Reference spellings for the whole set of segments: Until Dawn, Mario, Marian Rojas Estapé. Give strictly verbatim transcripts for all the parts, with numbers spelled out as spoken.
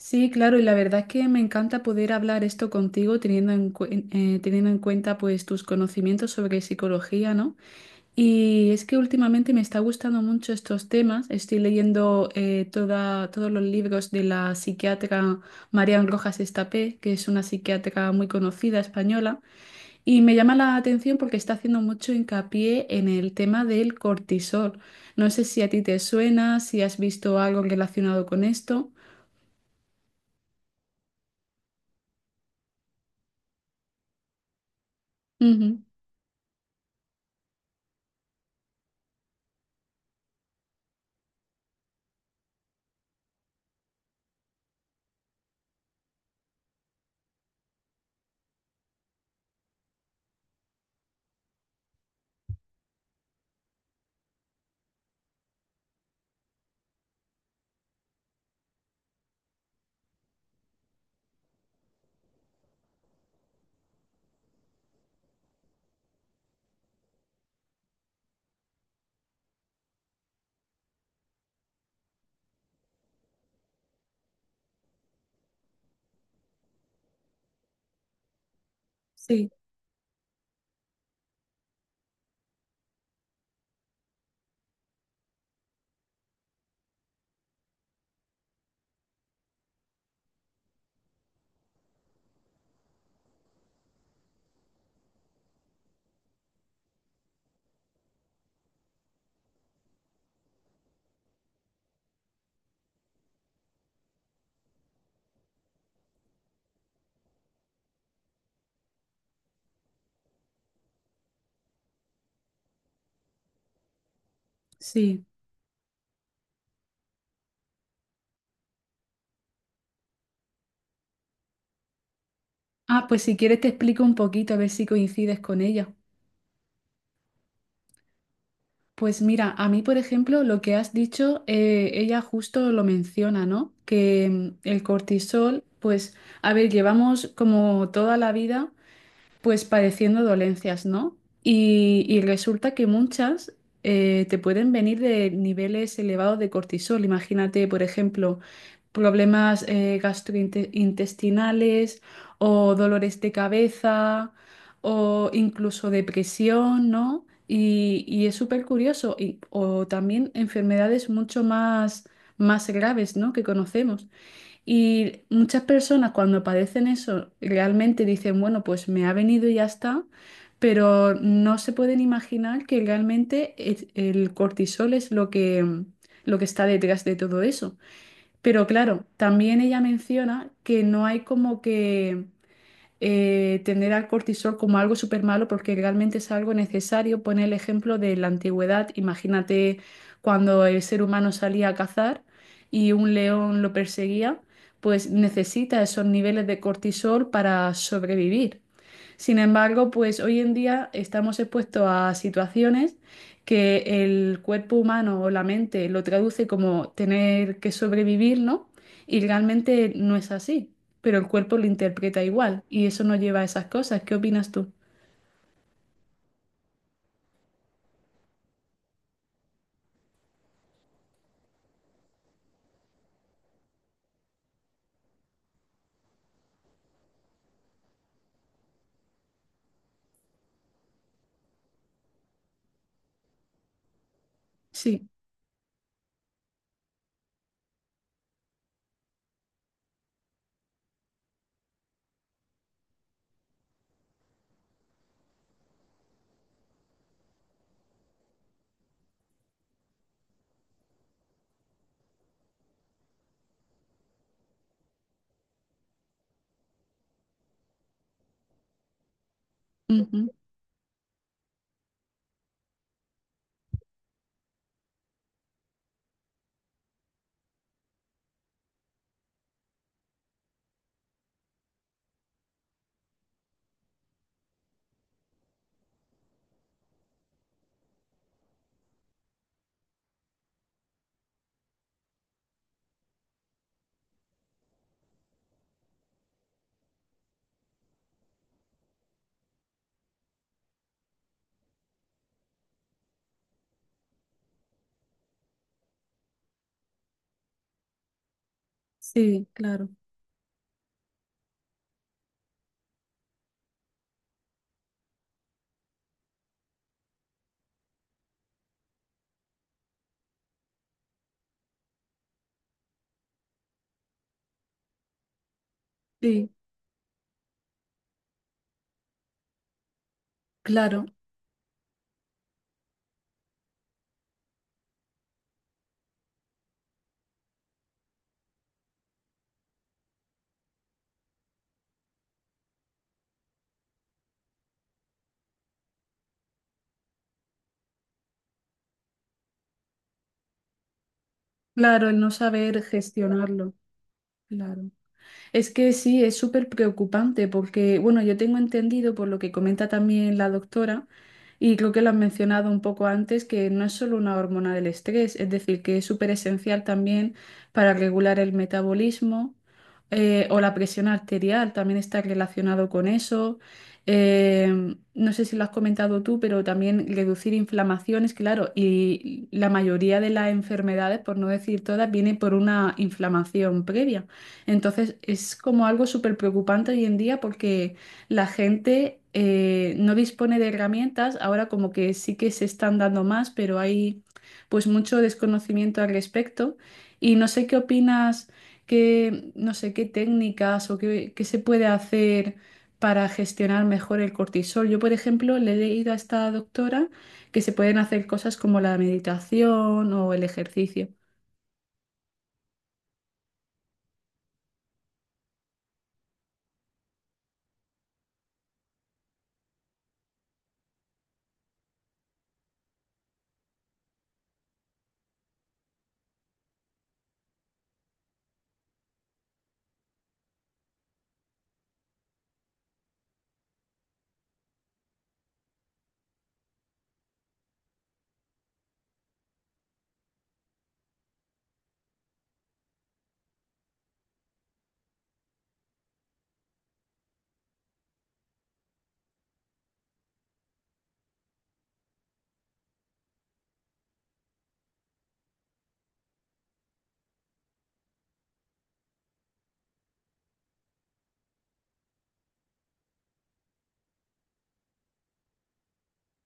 Sí, claro, y la verdad es que me encanta poder hablar esto contigo teniendo en, cuen- eh, teniendo en cuenta pues tus conocimientos sobre psicología, ¿no? Y es que últimamente me está gustando mucho estos temas. Estoy leyendo eh, toda, todos los libros de la psiquiatra Marian Rojas Estapé, que es una psiquiatra muy conocida española, y me llama la atención porque está haciendo mucho hincapié en el tema del cortisol. No sé si a ti te suena, si has visto algo relacionado con esto. Ujú. Sí. Sí. Ah, pues si quieres te explico un poquito a ver si coincides con ella. Pues mira, a mí, por ejemplo, lo que has dicho, eh, ella justo lo menciona, ¿no? Que mm, el cortisol, pues, a ver, llevamos como toda la vida, pues padeciendo dolencias, ¿no? Y, y resulta que muchas eh, te pueden venir de niveles elevados de cortisol. Imagínate, por ejemplo, problemas eh, gastrointestinales, o dolores de cabeza, o incluso depresión, ¿no? Y, y es súper curioso. Y- o también enfermedades mucho más, más graves, ¿no? Que conocemos. Y muchas personas cuando padecen eso realmente dicen, bueno, pues me ha venido y ya está, pero no se pueden imaginar que realmente es- el cortisol es lo que, lo que está detrás de todo eso. Pero claro, también ella menciona que no hay como que eh, tener al cortisol como algo súper malo, porque realmente es algo necesario. Pone el ejemplo de la antigüedad. Imagínate cuando el ser humano salía a cazar y un león lo perseguía, pues necesita esos niveles de cortisol para sobrevivir. Sin embargo, pues hoy en día estamos expuestos a situaciones que el cuerpo humano o la mente lo traduce como tener que sobrevivir, ¿no? Y realmente no es así, pero el cuerpo lo interpreta igual y eso nos lleva a esas cosas. ¿Qué opinas tú? Sí. Ujú. Sí, claro. Sí, claro. Claro, el no saber gestionarlo. Claro. Es que sí, es súper preocupante porque, bueno, yo tengo entendido por lo que comenta también la doctora, y creo que lo has mencionado un poco antes, que no es solo una hormona del estrés, es decir, que es súper esencial también para regular el metabolismo, eh, o la presión arterial, también está relacionado con eso. Eh, no sé si lo has comentado tú, pero también reducir inflamaciones, claro, y la mayoría de las enfermedades, por no decir todas, viene por una inflamación previa. Entonces es como algo súper preocupante hoy en día porque la gente eh, no dispone de herramientas, ahora como que sí que se están dando más, pero hay pues mucho desconocimiento al respecto, y no sé qué opinas, qué, no sé qué técnicas o qué, qué se puede hacer para gestionar mejor el cortisol. Yo, por ejemplo, le he leído a esta doctora que se pueden hacer cosas como la meditación o el ejercicio.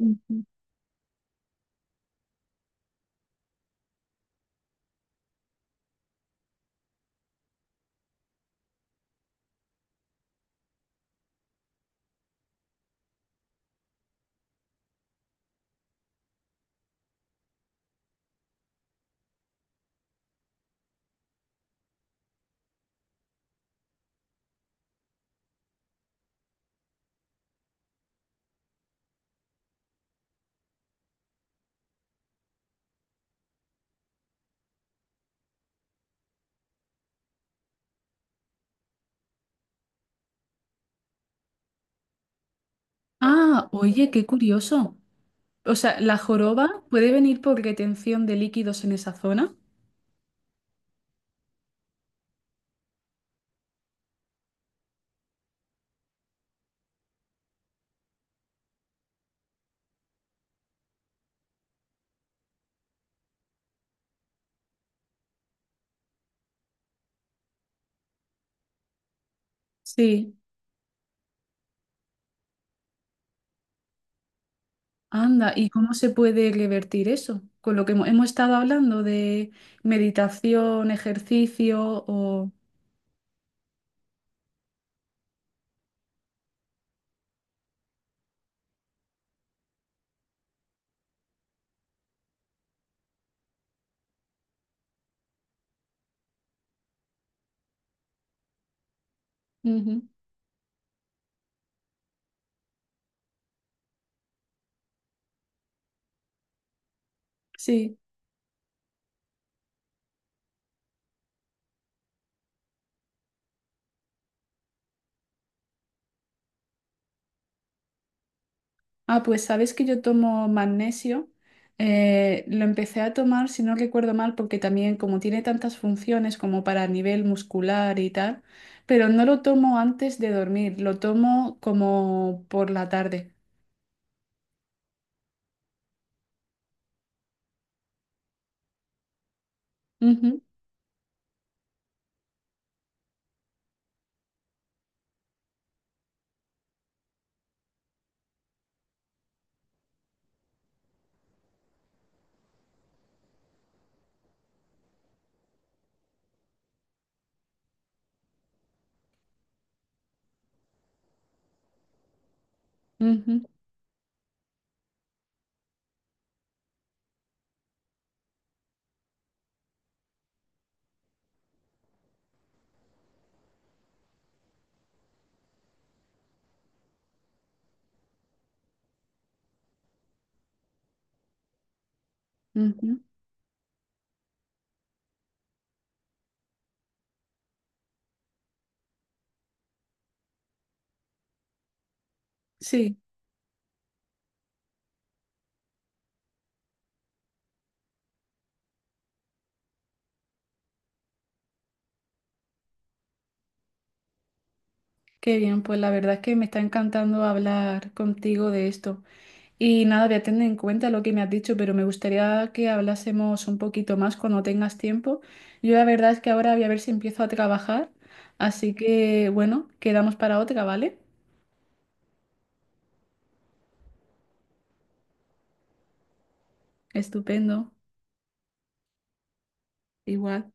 Ujú. Ah, oye, qué curioso. O sea, ¿la joroba puede venir por retención de líquidos en esa zona? Sí. Anda, ¿y cómo se puede revertir eso? Con lo que hemo- hemos estado hablando de meditación, ejercicio o… Ujú. Sí. Ah, pues sabes que yo tomo magnesio. Eh, lo empecé a tomar, si no recuerdo mal, porque también como tiene tantas funciones como para nivel muscular y tal, pero no lo tomo antes de dormir, lo tomo como por la tarde. Ujú, ujú. Ujú. Sí, qué bien, pues la verdad es que me está encantando hablar contigo de esto. Y nada, voy a tener en cuenta lo que me has dicho, pero me gustaría que hablásemos un poquito más cuando tengas tiempo. Yo la verdad es que ahora voy a ver si empiezo a trabajar, así que bueno, quedamos para otra, ¿vale? Estupendo, igual.